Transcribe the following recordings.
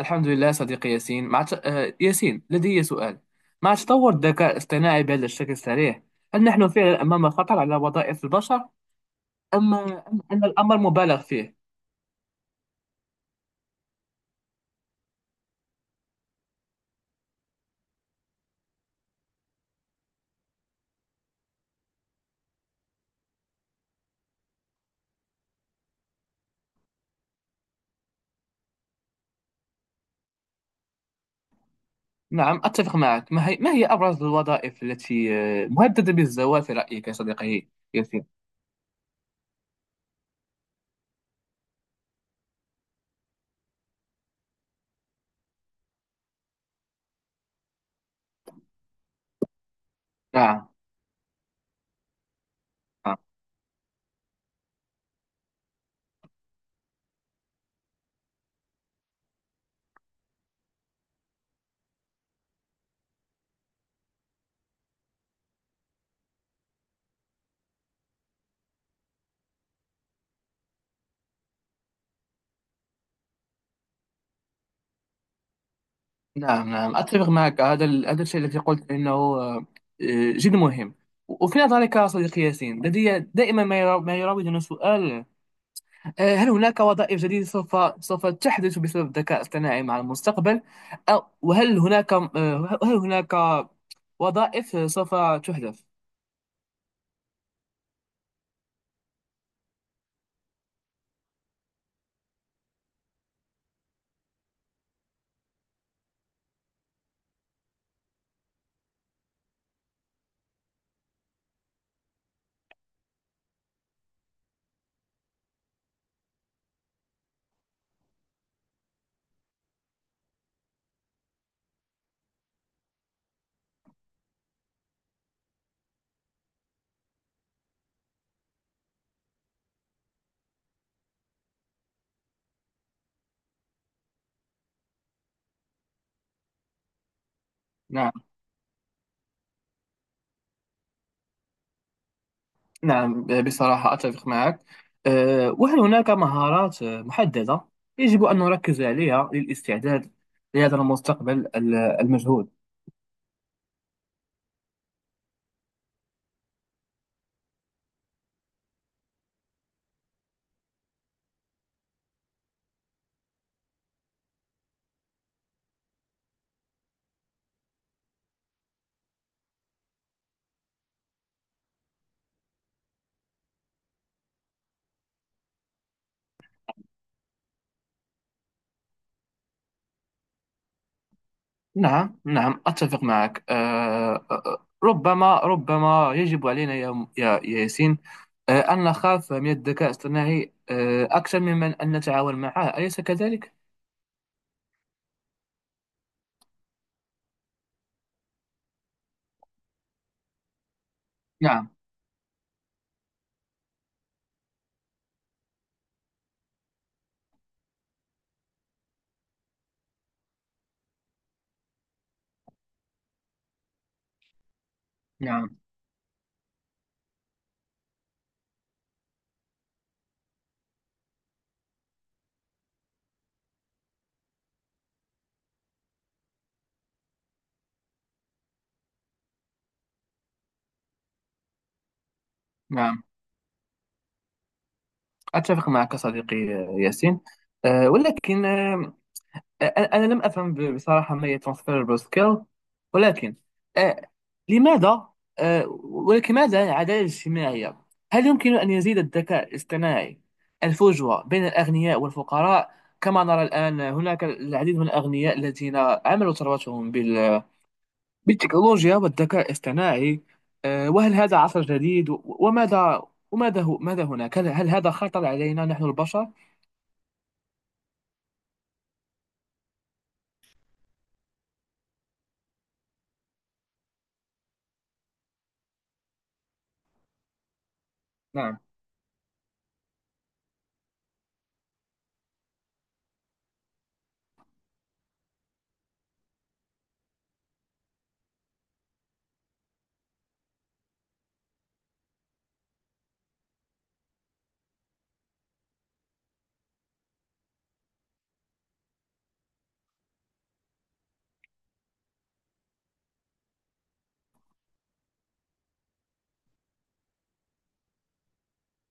الحمد لله صديقي ياسين مع ت... آه، ياسين، لدي سؤال. مع تطور الذكاء الاصطناعي بهذا الشكل السريع، هل نحن فعلا أمام خطر على وظائف البشر، أم أن الأمر مبالغ فيه؟ نعم، أتفق معك. ما هي أبرز الوظائف التي مهددة بالزوال في رأيك يا صديقي ياسين؟ نعم نعم نعم، أتفق معك. هذا الشيء الذي قلت إنه جد مهم. وفي نظرك يا صديقي ياسين، لدي دائما ما يراودني سؤال. هل هناك وظائف جديدة سوف سوف تحدث بسبب الذكاء الاصطناعي مع المستقبل؟ أو وهل هناك، هل هناك وظائف سوف تحدث؟ نعم نعم، بصراحة أتفق معك. وهل هناك مهارات محددة يجب أن نركز عليها للاستعداد لهذا المجهول؟ نعم، أتفق معك. ربما يجب علينا يا ياسين أن نخاف من الذكاء الاصطناعي أكثر ممن أن نتعاون معه، أليس كذلك؟ نعم نعم نعم، أتفق معك صديقي ياسين. آه، ولكن آه، أ- أنا لم أفهم بصراحة ما هي transferable skill، ولكن آه، لماذا آه، ولكن ماذا عن العدالة الاجتماعية؟ هل يمكن أن يزيد الذكاء الاصطناعي الفجوة بين الأغنياء والفقراء؟ كما نرى الآن هناك العديد من الأغنياء الذين عملوا ثروتهم بالتكنولوجيا والذكاء الاصطناعي. وهل هذا عصر جديد و- وماذا وماذا هو ماذا هناك هل هل هذا خطر علينا نحن البشر؟ نعم،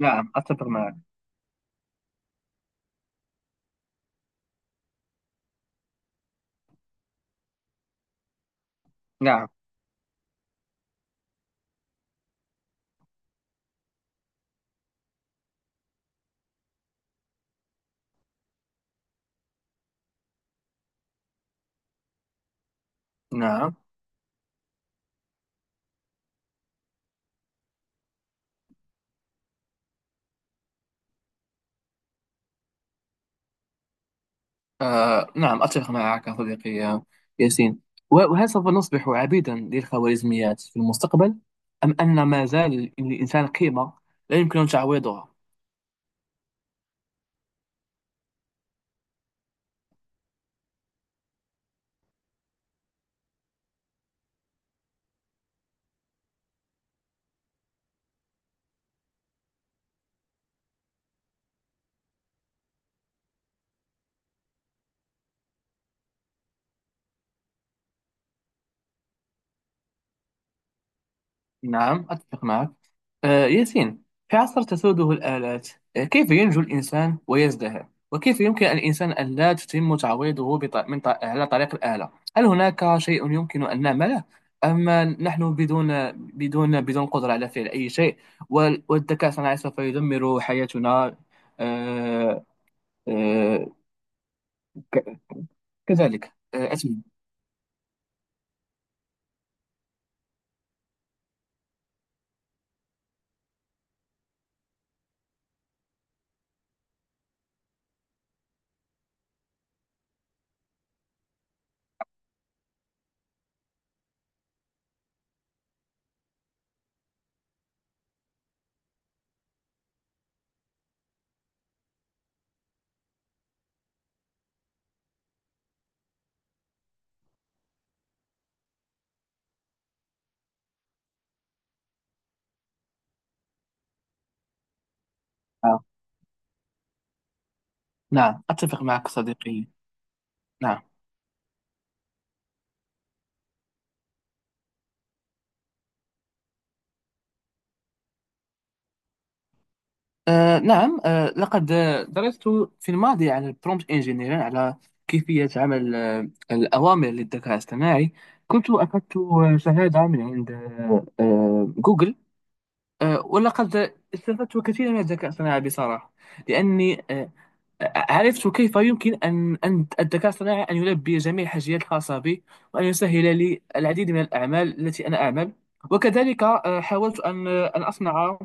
نعم أتفق معك. نعم، نعم. آه، نعم، أتفق معك صديقي ياسين. وهل سوف نصبح عبيدا للخوارزميات في المستقبل، أم أن ما زال للإنسان قيمة لا يمكن تعويضها؟ نعم أتفق معك ياسين. في عصر تسوده الآلات، كيف ينجو الإنسان ويزدهر، وكيف يمكن الإنسان أن لا تتم تعويضه على طريق الآلة؟ هل هناك شيء يمكن أن نعمله، أما نحن بدون قدرة على فعل أي شيء، والذكاء الصناعي سوف يدمر حياتنا؟ آه، آه، ك... كذلك. آه، أتم... آه، نعم أتفق معك صديقي. نعم. آه، نعم. آه، لقد درست في الماضي عن البرومبت انجينيرين، على كيفية عمل آه الأوامر للذكاء الاصطناعي. كنت أخذت شهادة من عند جوجل. آه، ولقد استفدت كثيرا من الذكاء الاصطناعي بصراحة، لأني آه عرفت كيف يمكن أن الذكاء الاصطناعي أن يلبي جميع الحاجيات الخاصة بي، وأن يسهل لي العديد من الأعمال التي أنا أعمل. وكذلك حاولت أن أن أصنع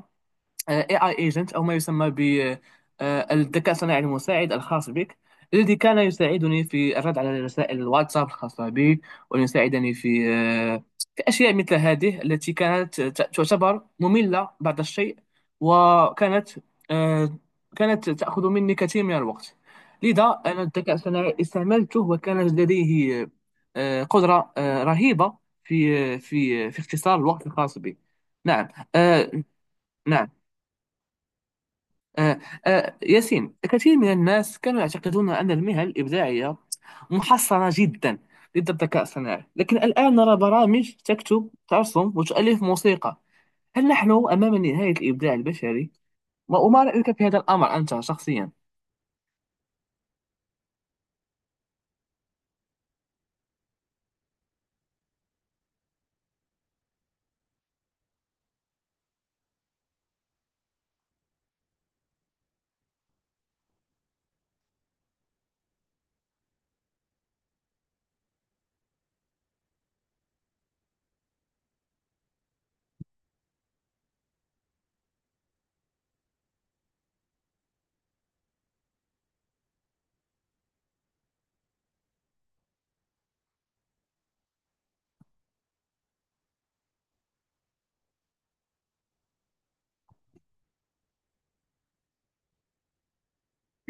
AI agent، أو ما يسمى بالذكاء الصناعي المساعد الخاص بك، الذي كان يساعدني في الرد على رسائل الواتساب الخاصة بي، ويساعدني في في أشياء مثل هذه التي تعتبر مملة بعض الشيء، وكانت آه، كانت تأخذ مني كثير من الوقت. لذا أنا الذكاء الصناعي استعملته، وكان لديه قدرة رهيبة في في اختصار الوقت الخاص بي. نعم. آه، نعم آه، ياسين، كثير من الناس كانوا يعتقدون أن المهن الإبداعية محصرة جدا ضد الذكاء الصناعي، لكن الآن نرى برامج تكتب ترسم وتؤلف موسيقى. هل نحن أمام نهاية الإبداع البشري؟ ما وما رأيك في هذا الأمر أنت شخصيا؟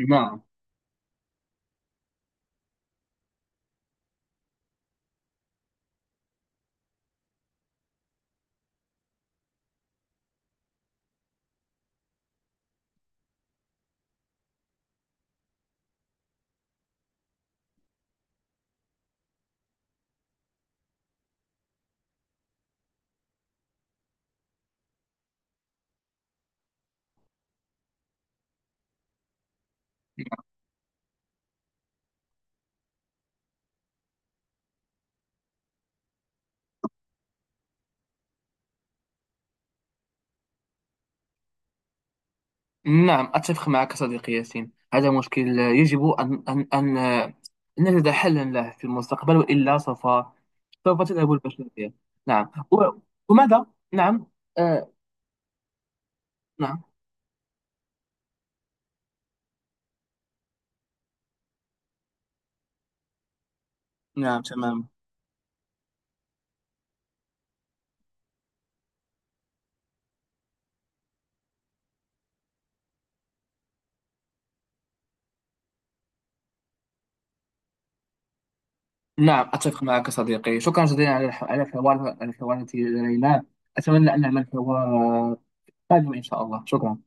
نعم نعم، أتفق معك صديقي ياسين. هذا مشكل يجب أن نجد حلا له في المستقبل، وإلا سوف سوف تذهب البشرية. نعم. وماذا؟ نعم. آه، نعم. نعم، تماما. نعم أتفق معك صديقي، شكرا جزيلا على على الحوار، على الحوار التي جريناه. أتمنى أن نعمل حوار قادم إن شاء الله. شكرا.